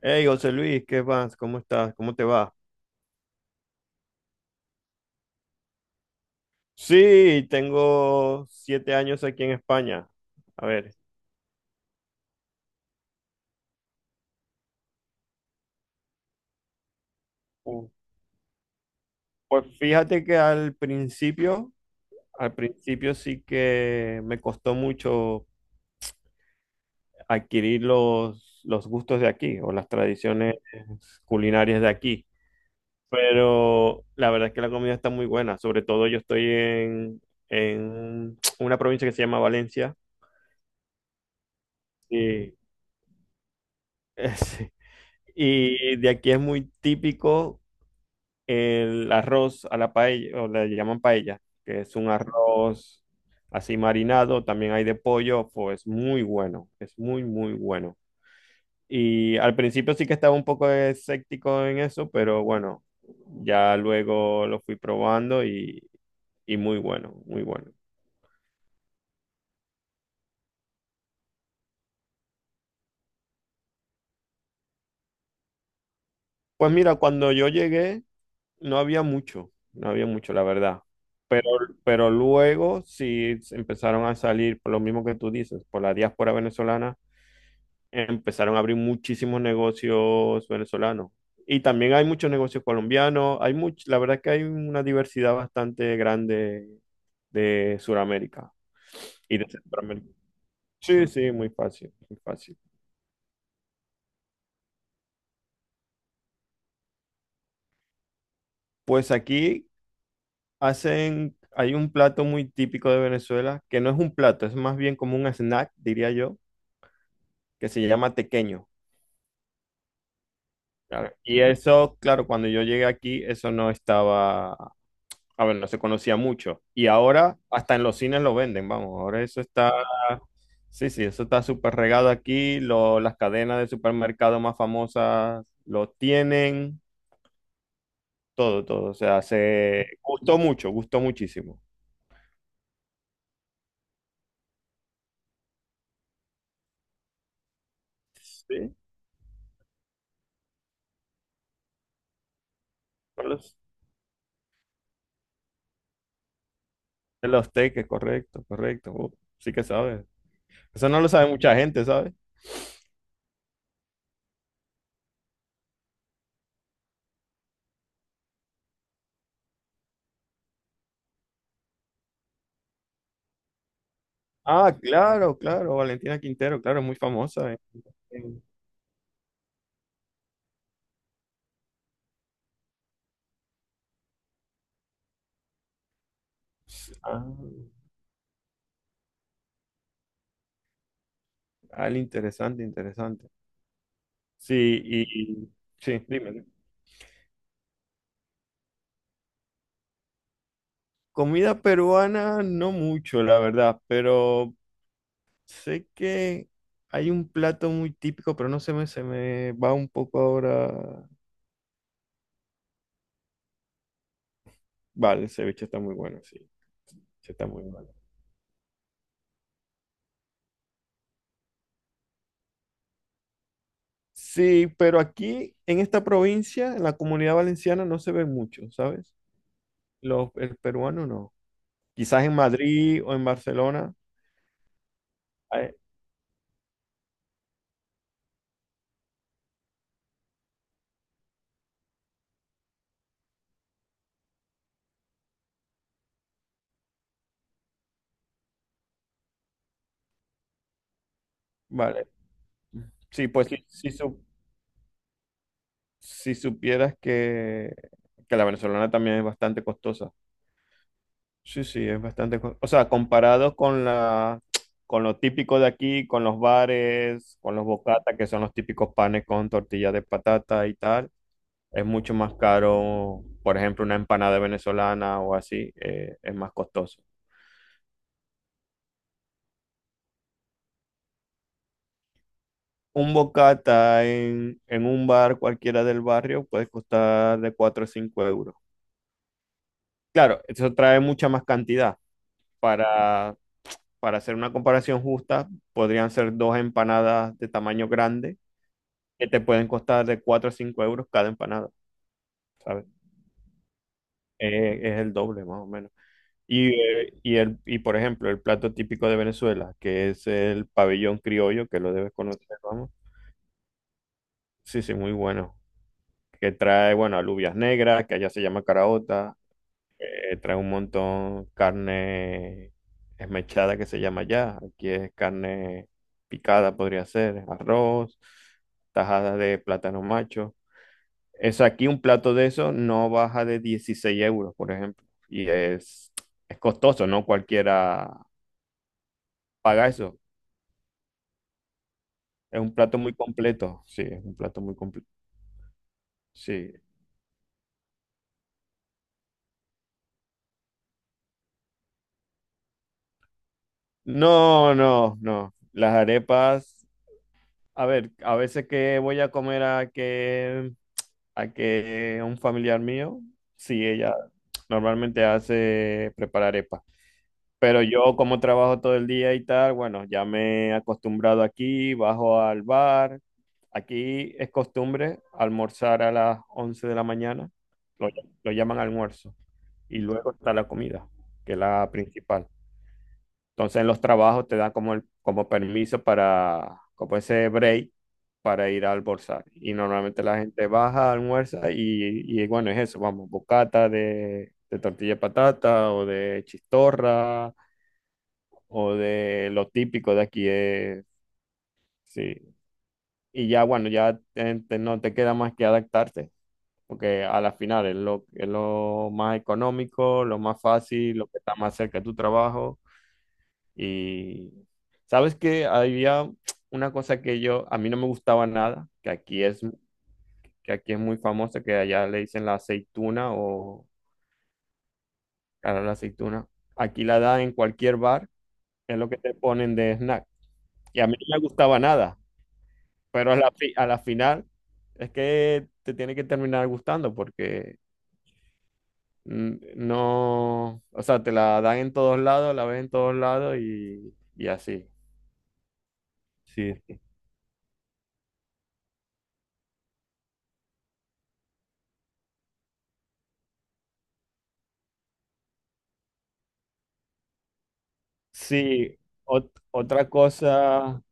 Hey, José Luis, ¿qué vas? ¿Cómo estás? ¿Cómo te va? Sí, tengo 7 años aquí en España. A ver, Uh, pues fíjate que al principio sí que me costó mucho adquirir los gustos de aquí o las tradiciones culinarias de aquí. Pero la verdad es que la comida está muy buena. Sobre todo yo estoy en una provincia que se llama Valencia. Y, sí. Y de aquí es muy típico el arroz a la paella, o le llaman paella, que es un arroz así marinado, también hay de pollo, pues es muy bueno, es muy, muy bueno. Y al principio sí que estaba un poco escéptico en eso, pero bueno, ya luego lo fui probando y muy bueno, muy bueno. Pues mira, cuando yo llegué no había mucho, no había mucho, la verdad. Pero, pero luego sí empezaron a salir, por lo mismo que tú dices, por la diáspora venezolana, empezaron a abrir muchísimos negocios venezolanos. Y también hay muchos negocios colombianos, la verdad es que hay una diversidad bastante grande de Sudamérica y de Centroamérica. Sí, sí, muy fácil, muy fácil. Pues aquí hay un plato muy típico de Venezuela, que no es un plato, es más bien como un snack, diría yo, que se llama tequeño. Claro. Y eso, claro, cuando yo llegué aquí, eso no estaba. A ver, no se conocía mucho. Y ahora hasta en los cines lo venden, vamos. Ahora eso está, sí, sí, eso está súper regado aquí. Las cadenas de supermercado más famosas lo tienen, todo, todo. O sea, se gustó mucho, gustó muchísimo. Sí, no lo sé. De los teques, correcto, correcto. Sí que sabes. Eso no lo sabe mucha gente, ¿sabes? Ah, claro, claro. Valentina Quintero, claro, es muy famosa. Ah, interesante, interesante. Sí, y sí, dime. Comida peruana, no mucho, la verdad, pero sé que hay un plato muy típico, pero no se me, se me va un poco ahora. Vale, el ceviche está muy bueno, sí, sí está muy bueno. Sí, pero aquí en esta provincia, en la Comunidad Valenciana, no se ve mucho, ¿sabes? El peruano no. Quizás en Madrid o en Barcelona. eh, Vale, sí, pues sí, sí, su si supieras que, la venezolana también es bastante costosa. Sí, sí, es bastante costosa. O sea, comparado con la, con lo típico de aquí, con los bares, con los bocatas, que son los típicos panes con tortilla de patata y tal, es mucho más caro, por ejemplo, una empanada venezolana o así, es más costoso. Un bocata en, un bar cualquiera del barrio puede costar de 4 o 5 euros. Claro, eso trae mucha más cantidad para para hacer una comparación justa, podrían ser dos empanadas de tamaño grande que te pueden costar de 4 a 5 euros cada empanada, ¿sabes? Es el doble más o menos. Y por ejemplo, el plato típico de Venezuela, que es el pabellón criollo, que lo debes conocer, vamos. Sí, sí, muy bueno. Que trae, bueno, alubias negras, que allá se llama caraota, que trae un montón carne esmechada que se llama ya. Aquí es carne picada, podría ser, arroz, tajada de plátano macho. Es aquí un plato de eso no baja de 16 euros, por ejemplo. Y es costoso, no cualquiera paga eso. Es un plato muy completo. Sí, es un plato muy completo. Sí. No, no, no. Las arepas, a ver, a veces que voy a comer a que un familiar mío, sí, ella normalmente hace preparar arepa. Pero yo como trabajo todo el día y tal, bueno, ya me he acostumbrado aquí, bajo al bar. Aquí es costumbre almorzar a las 11 de la mañana, lo, lo llaman almuerzo, y luego está la comida, que es la principal. Entonces en los trabajos te dan como, como permiso para, como ese break para ir a almorzar. Y normalmente la gente baja, almuerza y bueno, es eso, vamos, bocata de, tortilla de patata o de chistorra o de lo típico de aquí es, sí. Y ya bueno, ya no te queda más que adaptarte, porque a la final es lo, más económico, lo más fácil, lo que está más cerca de tu trabajo. Y sabes que había una cosa que yo, a mí no me gustaba nada, que aquí es muy famosa, que allá le dicen la aceituna o cara la aceituna. Aquí la dan en cualquier bar, es lo que te ponen de snack. Y a mí no me gustaba nada, pero a la final es que te tiene que terminar gustando porque no, o sea, te la dan en todos lados, la ves en todos lados y así. Sí, sí, otra cosa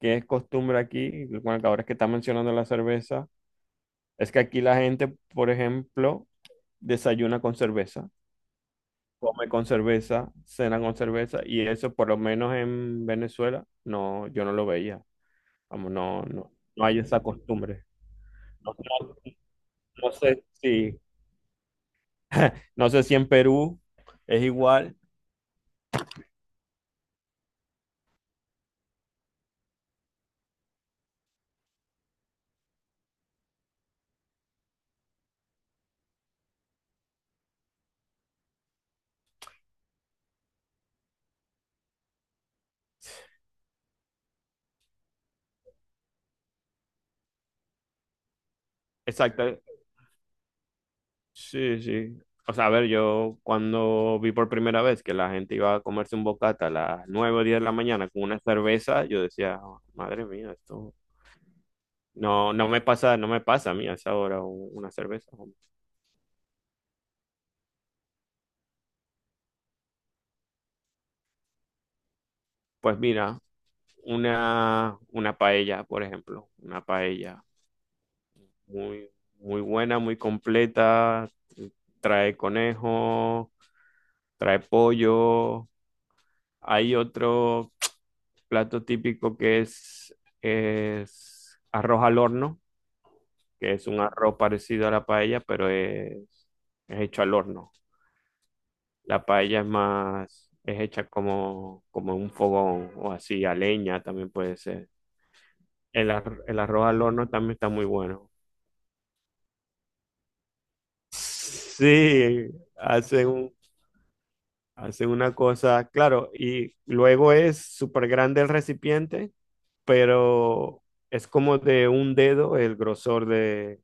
que es costumbre aquí, bueno, que ahora es que está mencionando la cerveza, es que aquí la gente, por ejemplo, desayuna con cerveza, come con cerveza, cena con cerveza, y eso por lo menos en Venezuela, no, yo no lo veía. Vamos, no, no, no hay esa costumbre. No, no- no sé si, no sé si en Perú es igual. Exacto, sí, sí. O sea, a ver, yo cuando vi por primera vez que la gente iba a comerse un bocata a las nueve o 10 de la mañana con una cerveza, yo decía, "Oh, madre mía, esto no, no me pasa, no me pasa a mí a esa hora una cerveza. Pues mira, una paella, por ejemplo, una paella muy, muy buena, muy completa, trae conejo, trae pollo, hay otro plato típico que es, arroz al horno, que es un arroz parecido a la paella, pero es hecho al horno. La paella es hecha como, en un fogón o así, a leña también puede ser. El arroz al horno también está muy bueno. Sí, hacen un- hacen una cosa, claro, y luego es súper grande el recipiente, pero es como de un dedo el grosor de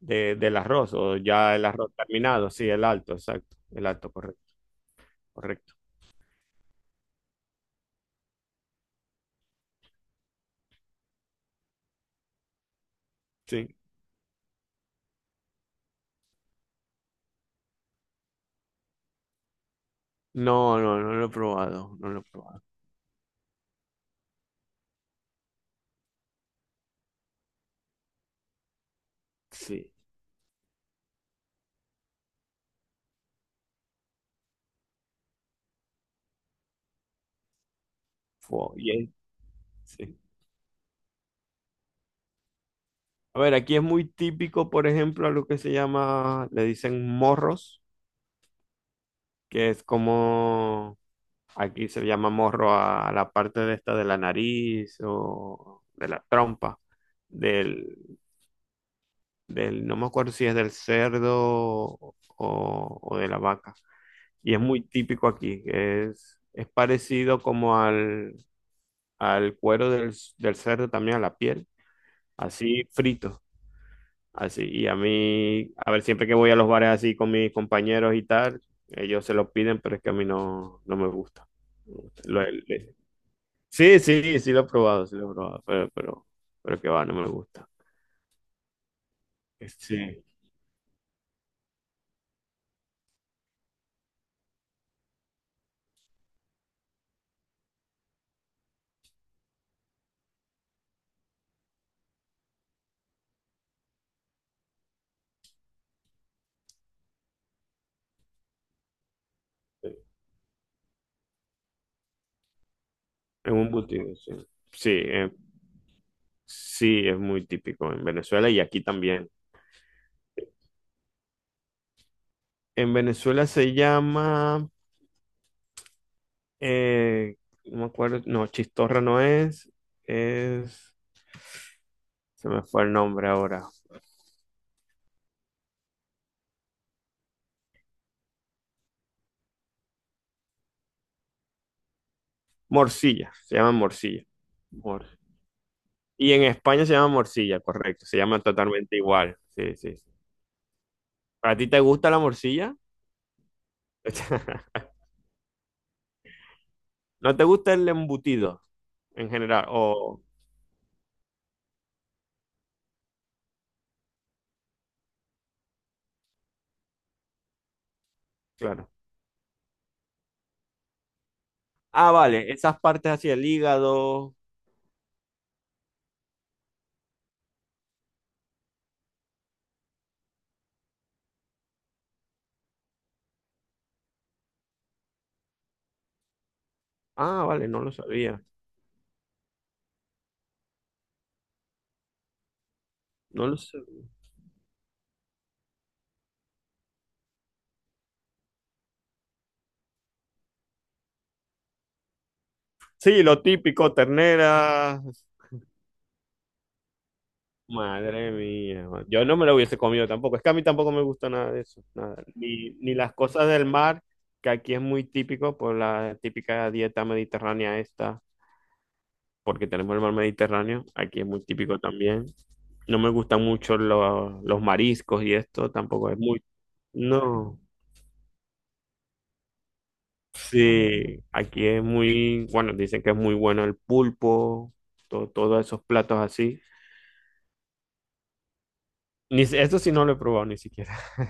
del arroz o ya el arroz terminado, sí, el alto, exacto, el alto, correcto, correcto. Sí. No, no, no lo he probado, no lo he probado. Sí. Fo- y es- sí. A ver, aquí es muy típico, por ejemplo, a lo que se llama, le dicen morros, que es como aquí se llama morro a la parte de esta de la nariz o de la trompa del, no me acuerdo si es del cerdo o de la vaca. Y es muy típico aquí. Es parecido como al, cuero del cerdo, también a la piel, así frito, así. Y a mí, a ver, siempre que voy a los bares así con mis compañeros y tal, ellos se lo piden, pero es que a mí no, no me gusta. Lo- le- sí, sí, sí lo he probado, sí lo he probado, pero, pero que va, no me gusta. Sí, es un embutido, sí. Sí, sí, es muy típico en Venezuela y aquí también. En Venezuela se llama, Eh, no me acuerdo, no, chistorra no es, es, se me fue el nombre ahora. Morcilla, se llama morcilla. Mor- y en España se llama morcilla, correcto, se llama totalmente igual. Sí, sí. Sí. ¿A ti te gusta la morcilla? ¿No te gusta el embutido en general? O, claro. Ah, vale, esas partes hacia el hígado. Ah, vale, no lo sabía. No lo sabía. Sí, lo típico, ternera. Madre mía, man. Yo no me lo hubiese comido tampoco. Es que a mí tampoco me gusta nada de eso, nada. Ni las cosas del mar, que aquí es muy típico por la típica dieta mediterránea esta, porque tenemos el mar Mediterráneo, aquí es muy típico también. No me gustan mucho los mariscos y esto, tampoco es muy. No, sí, aquí es muy, bueno, dicen que es muy bueno el pulpo, todos esos platos así. Ni, si- Eso sí no lo he probado ni siquiera.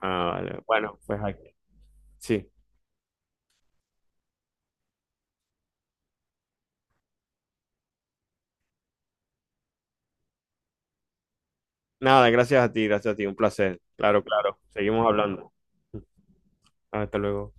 Ah, vale. Bueno, pues aquí. Sí. Nada, gracias a ti, un placer. Claro, claro. Seguimos hablando. Hasta luego.